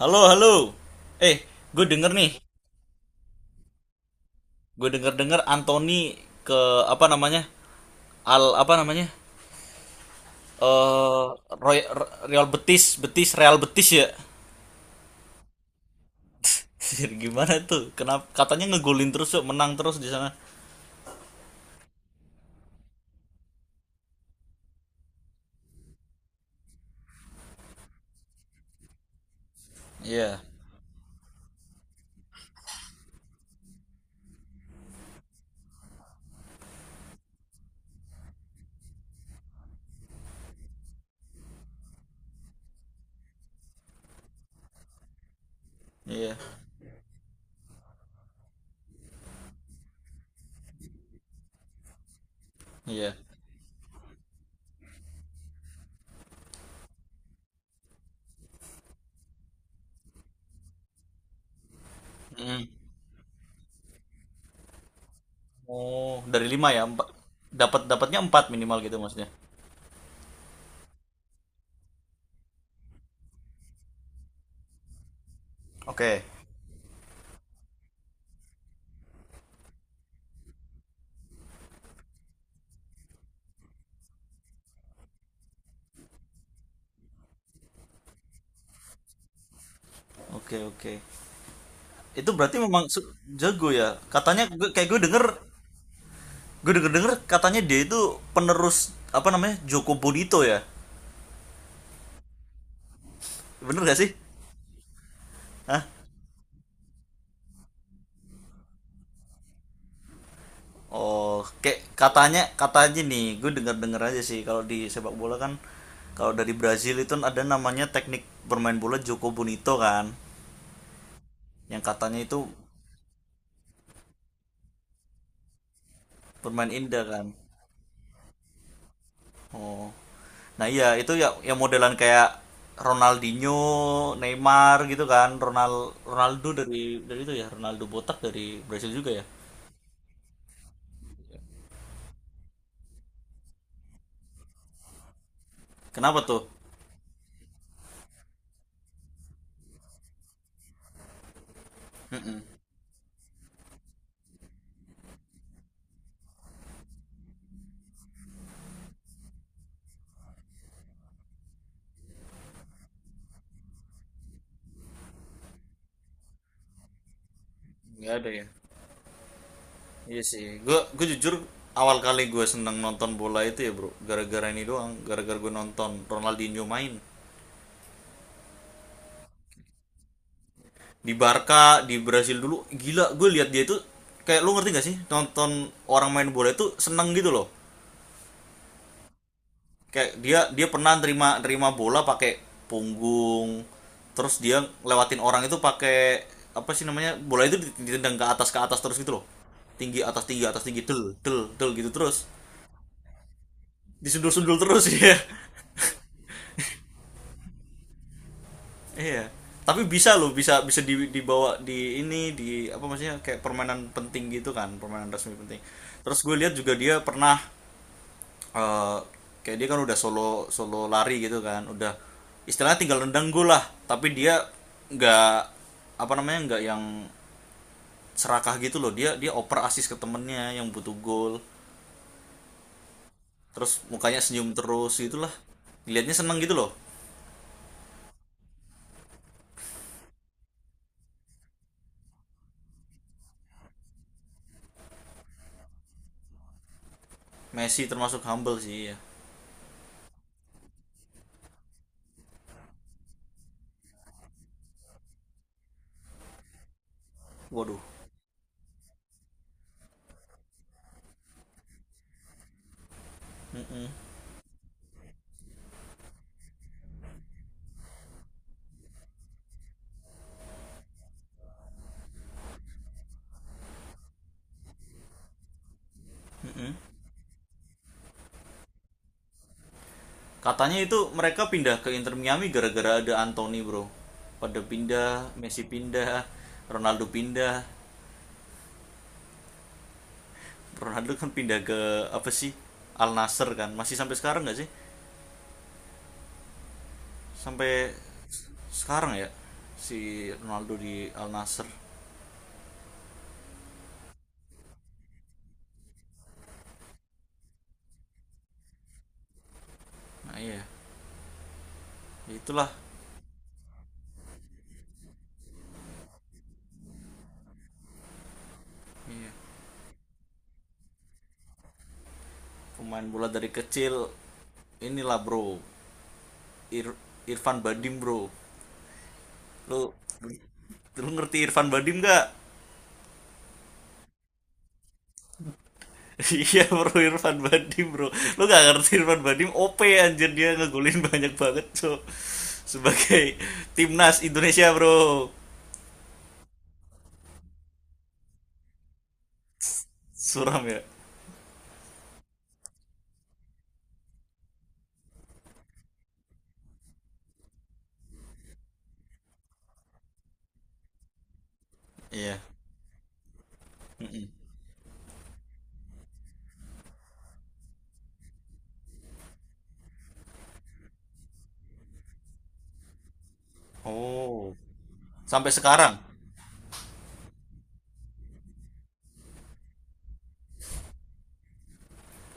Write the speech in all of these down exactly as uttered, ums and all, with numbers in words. Halo, halo. Eh, gue denger nih. Gue denger-denger Anthony ke apa namanya? Al apa namanya? Eh, Roy- Real Betis, Betis Real Betis ya. Gimana tuh? Kenapa katanya ngegolin terus yuk, menang terus di sana. Iya. Iya. Iya. Mm. Oh, dari lima ya, empat. Dapat dapatnya empat minimal gitu maksudnya. Oke. Oke, oke. Itu berarti memang su- jago ya. Katanya gue, kayak gue denger. Gue denger denger katanya dia itu penerus apa namanya Joko Bonito ya, bener gak sih? Hah? Oh, kayak katanya katanya nih, gue denger denger aja sih kalau di sepak bola kan kalau dari Brazil itu ada namanya teknik bermain bola Joko Bonito kan, yang katanya itu bermain indah kan. Oh, nah iya itu ya yang modelan kayak Ronaldinho, Neymar gitu kan, Ronald Ronaldo dari dari itu ya, Ronaldo botak dari Brazil juga ya. Kenapa tuh? Mm-mm. Nggak ada ya. Iya sih, gue gue jujur awal kali gue seneng nonton bola itu ya bro gara-gara ini doang, gara-gara gue nonton Ronaldinho main di Barca, di Brasil dulu. Gila, gue lihat dia itu, kayak lu ngerti gak sih nonton orang main bola itu seneng gitu loh. Kayak dia dia pernah terima terima bola pakai punggung, terus dia lewatin orang itu pakai apa sih namanya, bola itu ditendang ke atas ke atas terus gitu loh, tinggi atas tinggi atas tinggi del del del gitu terus disundul-sundul terus ya. Iya. Tapi bisa loh, bisa bisa dibawa di ini, di apa maksudnya kayak permainan penting gitu kan, permainan resmi penting. Terus gue lihat juga dia pernah eh, kayak dia kan udah solo solo lari gitu kan, udah istilahnya tinggal nendang gol lah, tapi dia nggak apa namanya, nggak yang serakah gitu loh, dia dia oper asis ke temennya yang butuh gol. Terus mukanya senyum terus gitulah. Dilihatnya seneng gitu loh. Messi termasuk humble sih ya. Waduh. Mm-mm, mm-mm. Katanya itu mereka pindah ke Inter Miami gara-gara ada Anthony, Bro. Pada pindah, Messi pindah, Ronaldo pindah. Ronaldo kan pindah ke apa sih? Al Nassr kan. Masih sampai sekarang nggak sih? Sampai sekarang ya si Ronaldo di Al Nassr. Nah, iya. Itulah. Iya. Pemain bola dari kecil inilah, Bro. Ir- Irfan Badim, Bro. Lu lu ngerti Irfan Badim nggak? Iya bro, Irfan Badim bro. Lu gak ngerti Irfan Badim? O P anjir, dia ngegolin banyak banget so. Sebagai timnas Indonesia bro. Suram ya. Iya. Oh. Sampai sekarang.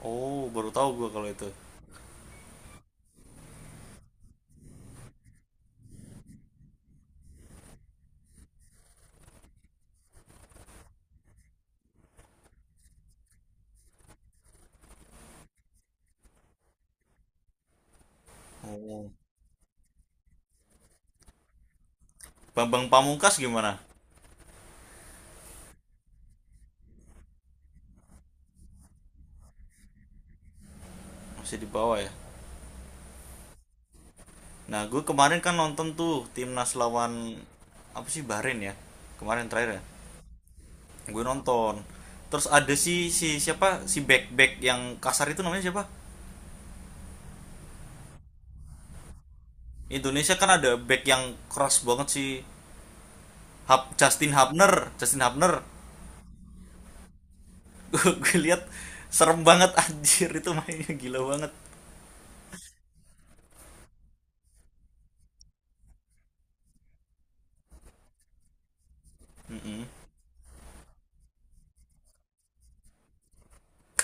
Oh baru tahu gua kalau itu. Oh. Bambang Pamungkas gimana? Masih di bawah ya. Nah gue kemarin kan nonton tuh timnas lawan, apa sih, Bahrain ya. Kemarin terakhir ya. Gue nonton. Terus ada si si siapa si back back yang kasar itu namanya siapa? Indonesia kan ada back yang keras banget sih. Hap, Justin Hapner, Justin Hapner. Gue lihat serem banget. Anjir itu mainnya gila banget.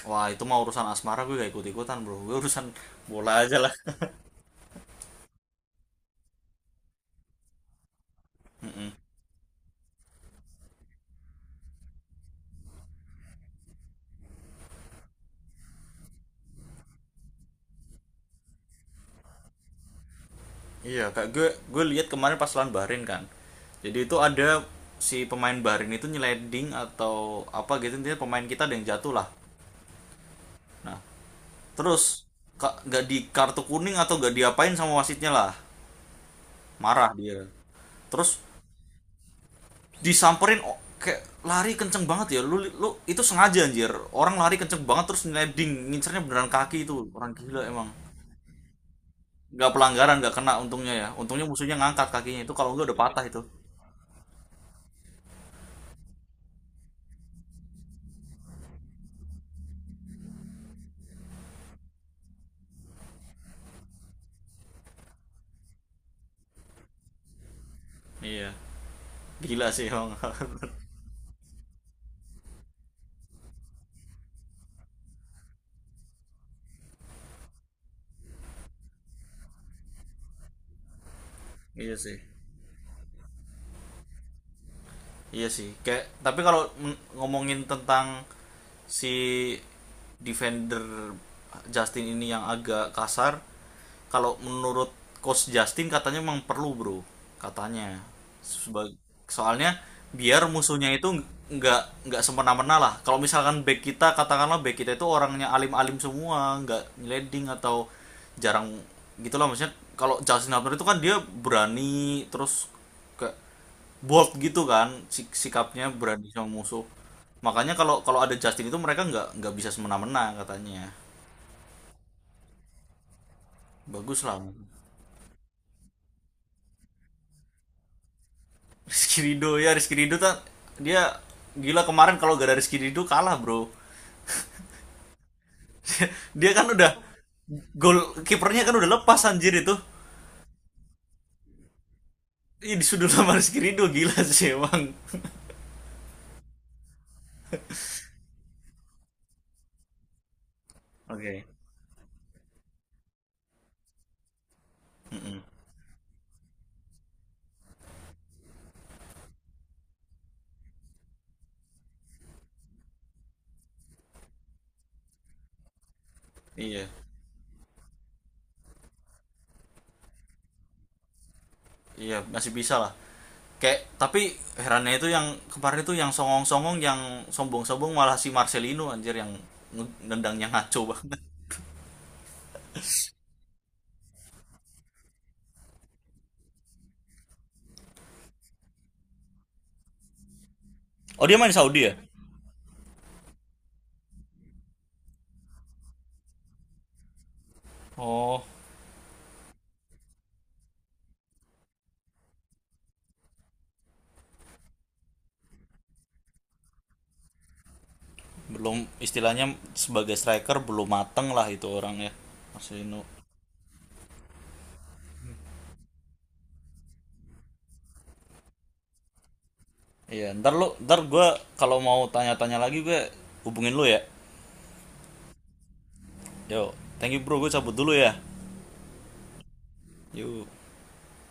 Wah, itu mah urusan asmara, gue gak ikut-ikutan, Bro. Gue urusan bola aja lah. Iya, Kak. Gue gue lihat kemarin pas lawan Bahrain kan. Jadi itu ada si pemain Bahrain itu nyeleding atau apa gitu, intinya pemain kita ada yang jatuh lah. Nah, terus ka- nggak di kartu kuning atau gak diapain sama wasitnya lah. Marah dia. Terus disamperin, oh, kayak lari kenceng banget ya lu, lu itu sengaja anjir, orang lari kenceng banget terus ngeleding, ngincernya beneran kaki itu orang, gila emang. Nggak pelanggaran, nggak kena untungnya ya, untungnya musuhnya ngangkat kakinya itu, kalau enggak udah patah itu. Iya. Gila sih emang. Iya sih. Iya sih. Kayak tapi kalau ngomongin tentang si defender Justin ini yang agak kasar, kalau menurut coach Justin katanya memang perlu, Bro. Katanya. Seba- soalnya biar musuhnya itu nggak nggak semena-mena lah. Kalau misalkan back kita, katakanlah back kita itu orangnya alim-alim semua, nggak nyeleding atau jarang gitulah maksudnya. Kalau Justin Hubner itu kan dia berani terus kayak bold gitu kan, sik- sikapnya berani sama musuh, makanya kalau kalau ada Justin itu mereka nggak nggak bisa semena-mena katanya. Bagus lah. Rizky Ridho ya. Rizky Ridho kan dia gila kemarin, kalau gak ada Rizky Ridho kalah bro. Dia kan udah gol, kipernya kan udah lepas anjir itu. Ih, disudul sama Rizky Ridho, gila sih emang. Oke. Mm-mm. Iya. Iya, masih bisa lah. Kayak tapi herannya itu yang kemarin itu yang songong-songong, yang sombong-sombong malah si Marcelino anjir, yang nge- nendangnya ngaco banget. Oh dia main di Saudi ya? Oh, belum istilahnya sebagai striker belum mateng lah itu orangnya. Marcelino. Iya, ntar lu ntar gue, kalau mau tanya-tanya lagi gue hubungin lu ya. Yo, thank you bro, gue cabut dulu ya. Yuk.